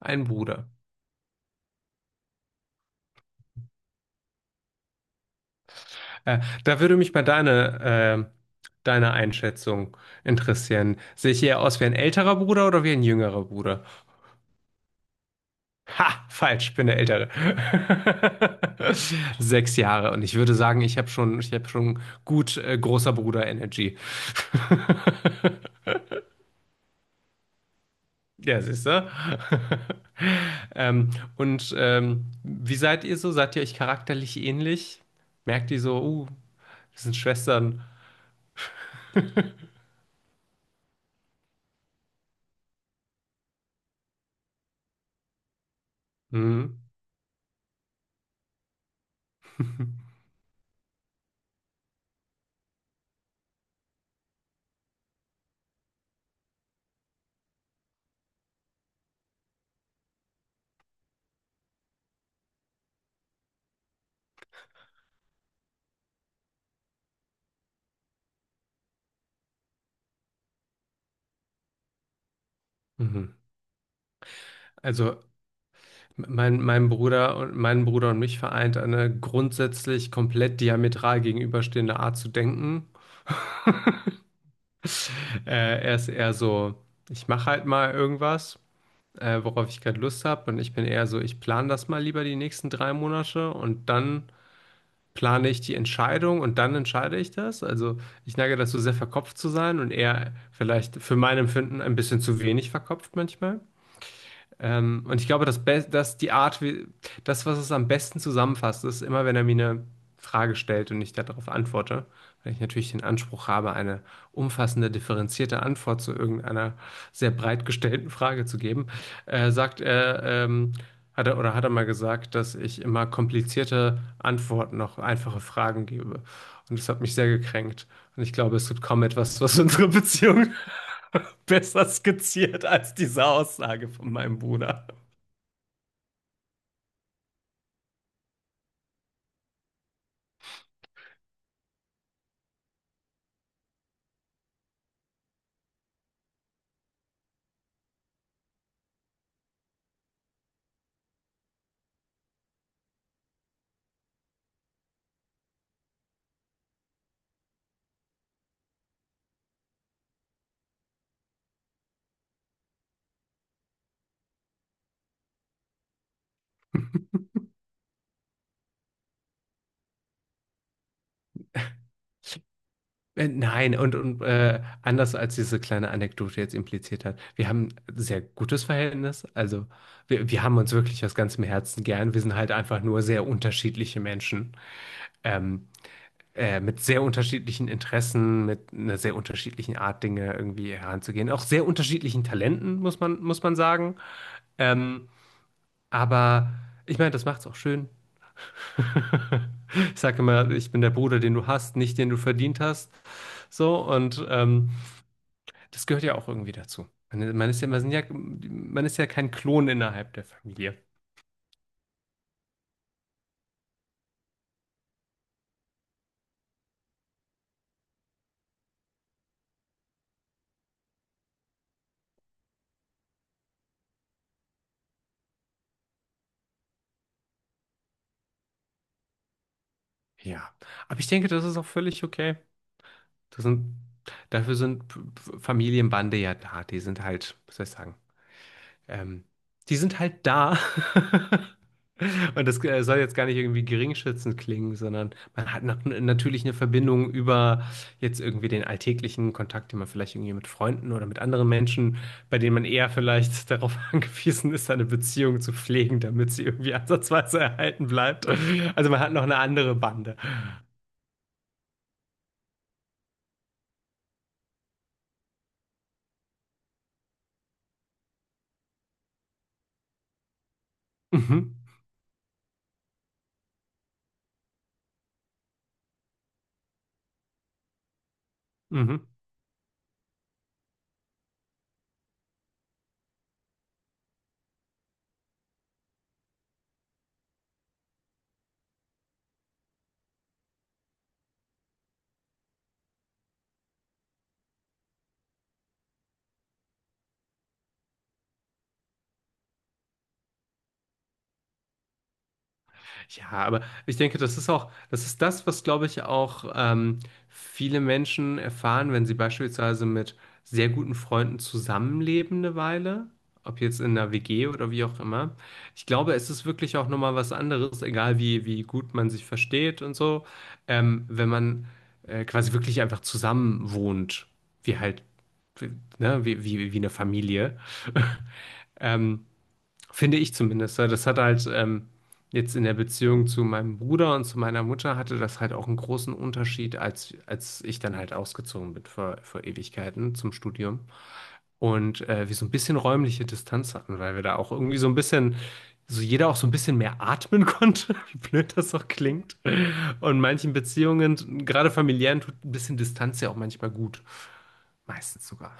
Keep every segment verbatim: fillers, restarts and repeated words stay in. Ein Bruder. Äh, da würde mich mal deine, äh, deine Einschätzung interessieren. Sehe ich eher aus wie ein älterer Bruder oder wie ein jüngerer Bruder? Ha, falsch, ich bin der Ältere. Sechs Jahre. Und ich würde sagen, ich habe schon, ich habe schon gut äh, großer Bruder Energy. Ja, siehst du? Ähm, und ähm, wie seid ihr so? Seid ihr euch charakterlich ähnlich? Merkt ihr so, uh, das sind Schwestern? Hm. Mhm. Also mein, mein Bruder und meinen Bruder und mich vereint eine grundsätzlich komplett diametral gegenüberstehende Art zu denken. Äh, er ist eher so, ich mache halt mal irgendwas, äh, worauf ich gerade Lust habe, und ich bin eher so, ich plane das mal lieber die nächsten drei Monate und dann plane ich die Entscheidung und dann entscheide ich das. Also ich neige dazu, sehr verkopft zu sein und eher vielleicht für mein Empfinden ein bisschen zu wenig verkopft manchmal. Ähm, und ich glaube, das Be das, die Art, wie, das, was es am besten zusammenfasst, ist immer, wenn er mir eine Frage stellt und ich darauf antworte, weil ich natürlich den Anspruch habe, eine umfassende, differenzierte Antwort zu irgendeiner sehr breit gestellten Frage zu geben, äh, sagt er, ähm, hat er oder hat er mal gesagt, dass ich immer komplizierte Antworten auf einfache Fragen gebe. Und das hat mich sehr gekränkt. Und ich glaube, es gibt kaum etwas, was unsere Beziehung besser skizziert als diese Aussage von meinem Bruder. Äh, Nein, und, und äh, anders als diese kleine Anekdote jetzt impliziert hat, wir haben ein sehr gutes Verhältnis. Also wir, wir haben uns wirklich aus ganzem Herzen gern. Wir sind halt einfach nur sehr unterschiedliche Menschen. Ähm, äh, mit sehr unterschiedlichen Interessen, mit einer sehr unterschiedlichen Art, Dinge irgendwie heranzugehen. Auch sehr unterschiedlichen Talenten, muss man, muss man sagen. Ähm, aber ich meine, das macht's auch schön. Ich sage immer, ich bin der Bruder, den du hast, nicht den du verdient hast. So, und ähm, das gehört ja auch irgendwie dazu. Man man ist ja, man sind ja, man ist ja kein Klon innerhalb der Familie. Ja, aber ich denke, das ist auch völlig okay. Das sind, Dafür sind P- P- Familienbande ja da. Die sind halt, was soll ich sagen, Ähm, die sind halt da. Und das äh, soll jetzt gar nicht irgendwie geringschätzend klingen, sondern man hat noch, natürlich eine Verbindung über jetzt irgendwie den alltäglichen Kontakt, den man vielleicht irgendwie mit Freunden oder mit anderen Menschen, bei denen man eher vielleicht darauf angewiesen ist, eine Beziehung zu pflegen, damit sie irgendwie ansatzweise erhalten bleibt. Also man hat noch eine andere Bande. Mhm. Mhm. Ja, aber ich denke, das ist auch, das ist das, was, glaube ich, auch ähm, viele Menschen erfahren, wenn sie beispielsweise mit sehr guten Freunden zusammenleben eine Weile, ob jetzt in einer W G oder wie auch immer. Ich glaube, es ist wirklich auch nochmal was anderes, egal wie, wie gut man sich versteht und so, ähm, wenn man äh, quasi wirklich einfach zusammen wohnt, wie halt, ne, wie, wie, wie eine Familie. Ähm, Finde ich zumindest. Weil das hat halt ähm, jetzt in der Beziehung zu meinem Bruder und zu meiner Mutter hatte das halt auch einen großen Unterschied, als, als ich dann halt ausgezogen bin vor, vor Ewigkeiten zum Studium. Und äh, wir so ein bisschen räumliche Distanz hatten, weil wir da auch irgendwie so ein bisschen, so jeder auch so ein bisschen mehr atmen konnte, wie blöd das auch klingt. Und manchen Beziehungen, gerade familiären, tut ein bisschen Distanz ja auch manchmal gut. Meistens sogar.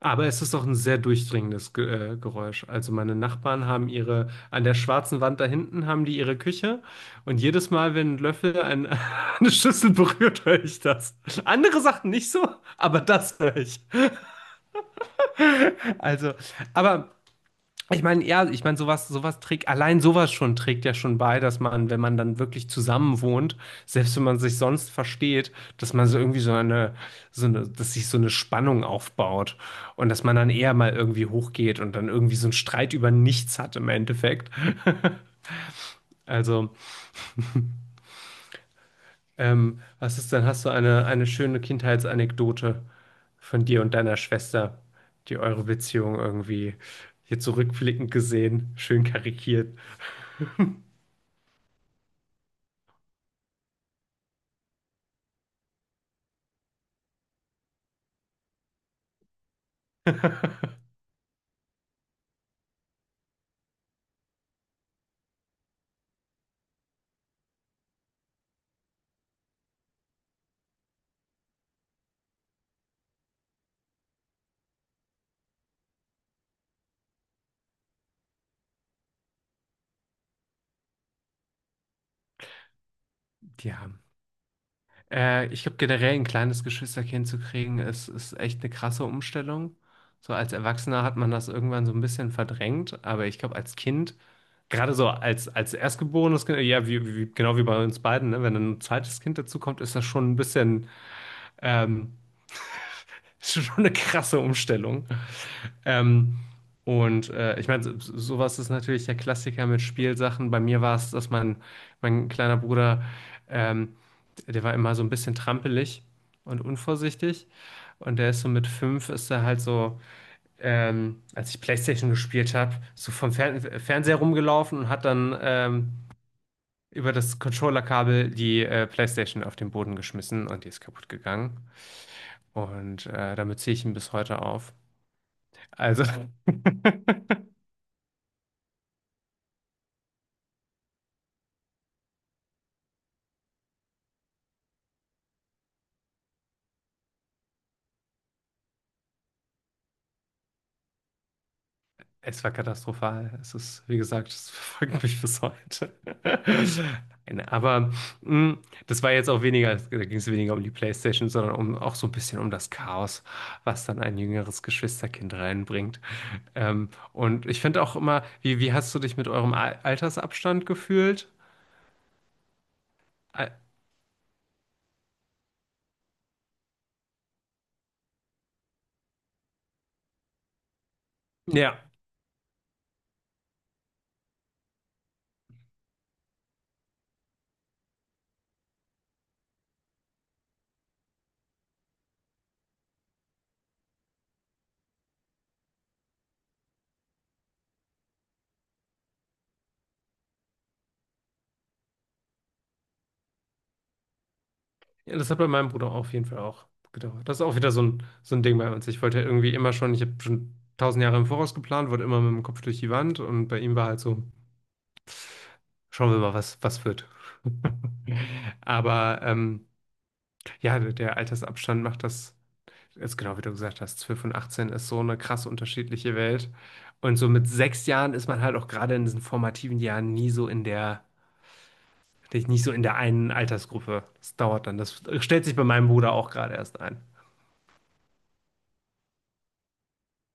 Aber es ist doch ein sehr durchdringendes Ge äh, Geräusch. Also meine Nachbarn haben ihre, an der schwarzen Wand da hinten haben die ihre Küche und jedes Mal, wenn ein Löffel ein, eine Schüssel berührt, höre ich das. Andere Sachen nicht so, aber das höre ich. Also, aber ich meine, ja, ich meine, sowas, sowas trägt, allein sowas schon trägt ja schon bei, dass man, wenn man dann wirklich zusammen wohnt, selbst wenn man sich sonst versteht, dass man so irgendwie so eine, so eine, dass sich so eine Spannung aufbaut und dass man dann eher mal irgendwie hochgeht und dann irgendwie so einen Streit über nichts hat im Endeffekt. Also, ähm, was ist denn, hast du eine, eine schöne Kindheitsanekdote von dir und deiner Schwester, die eure Beziehung irgendwie hier zurückblickend gesehen, schön karikiert, die haben? Äh, ich glaube, generell ein kleines Geschwisterkind zu kriegen, ist, ist echt eine krasse Umstellung. So als Erwachsener hat man das irgendwann so ein bisschen verdrängt, aber ich glaube, als Kind, gerade so als, als erstgeborenes Kind, ja, wie, wie, genau wie bei uns beiden, ne? Wenn dann ein zweites Kind dazu kommt, ist das schon ein bisschen, ähm, ist schon eine krasse Umstellung. Ähm, und äh, Ich meine, so- sowas ist natürlich der Klassiker mit Spielsachen. Bei mir war es, dass mein, mein kleiner Bruder, ähm, der war immer so ein bisschen trampelig und unvorsichtig. Und der ist so mit fünf, ist er halt so, ähm, als ich PlayStation gespielt habe, so vom Fern Fernseher rumgelaufen und hat dann ähm, über das Controllerkabel die äh, PlayStation auf den Boden geschmissen und die ist kaputt gegangen. Und äh, damit ziehe ich ihn bis heute auf. Also. Es war katastrophal. Es ist, wie gesagt, es verfolgt mich bis heute. Nein, aber mh, das war jetzt auch weniger, da ging es weniger um die PlayStation, sondern um, auch so ein bisschen um das Chaos, was dann ein jüngeres Geschwisterkind reinbringt. Ähm, und ich finde auch immer, wie, wie hast du dich mit eurem Al- Altersabstand gefühlt? Al- Ja, ja, das hat bei meinem Bruder auf jeden Fall auch gedauert. Das ist auch wieder so ein, so ein Ding bei uns. Ich wollte ja irgendwie immer schon, ich habe schon tausend Jahre im Voraus geplant, wurde immer mit dem Kopf durch die Wand und bei ihm war halt so. Schauen wir mal, was, was wird. Aber ähm, ja, der der Altersabstand macht das, jetzt genau wie du gesagt hast, zwölf und achtzehn ist so eine krass unterschiedliche Welt. Und so mit sechs Jahren ist man halt auch gerade in diesen formativen Jahren nie so in der, nicht so in der einen Altersgruppe. Das dauert dann. Das stellt sich bei meinem Bruder auch gerade erst ein.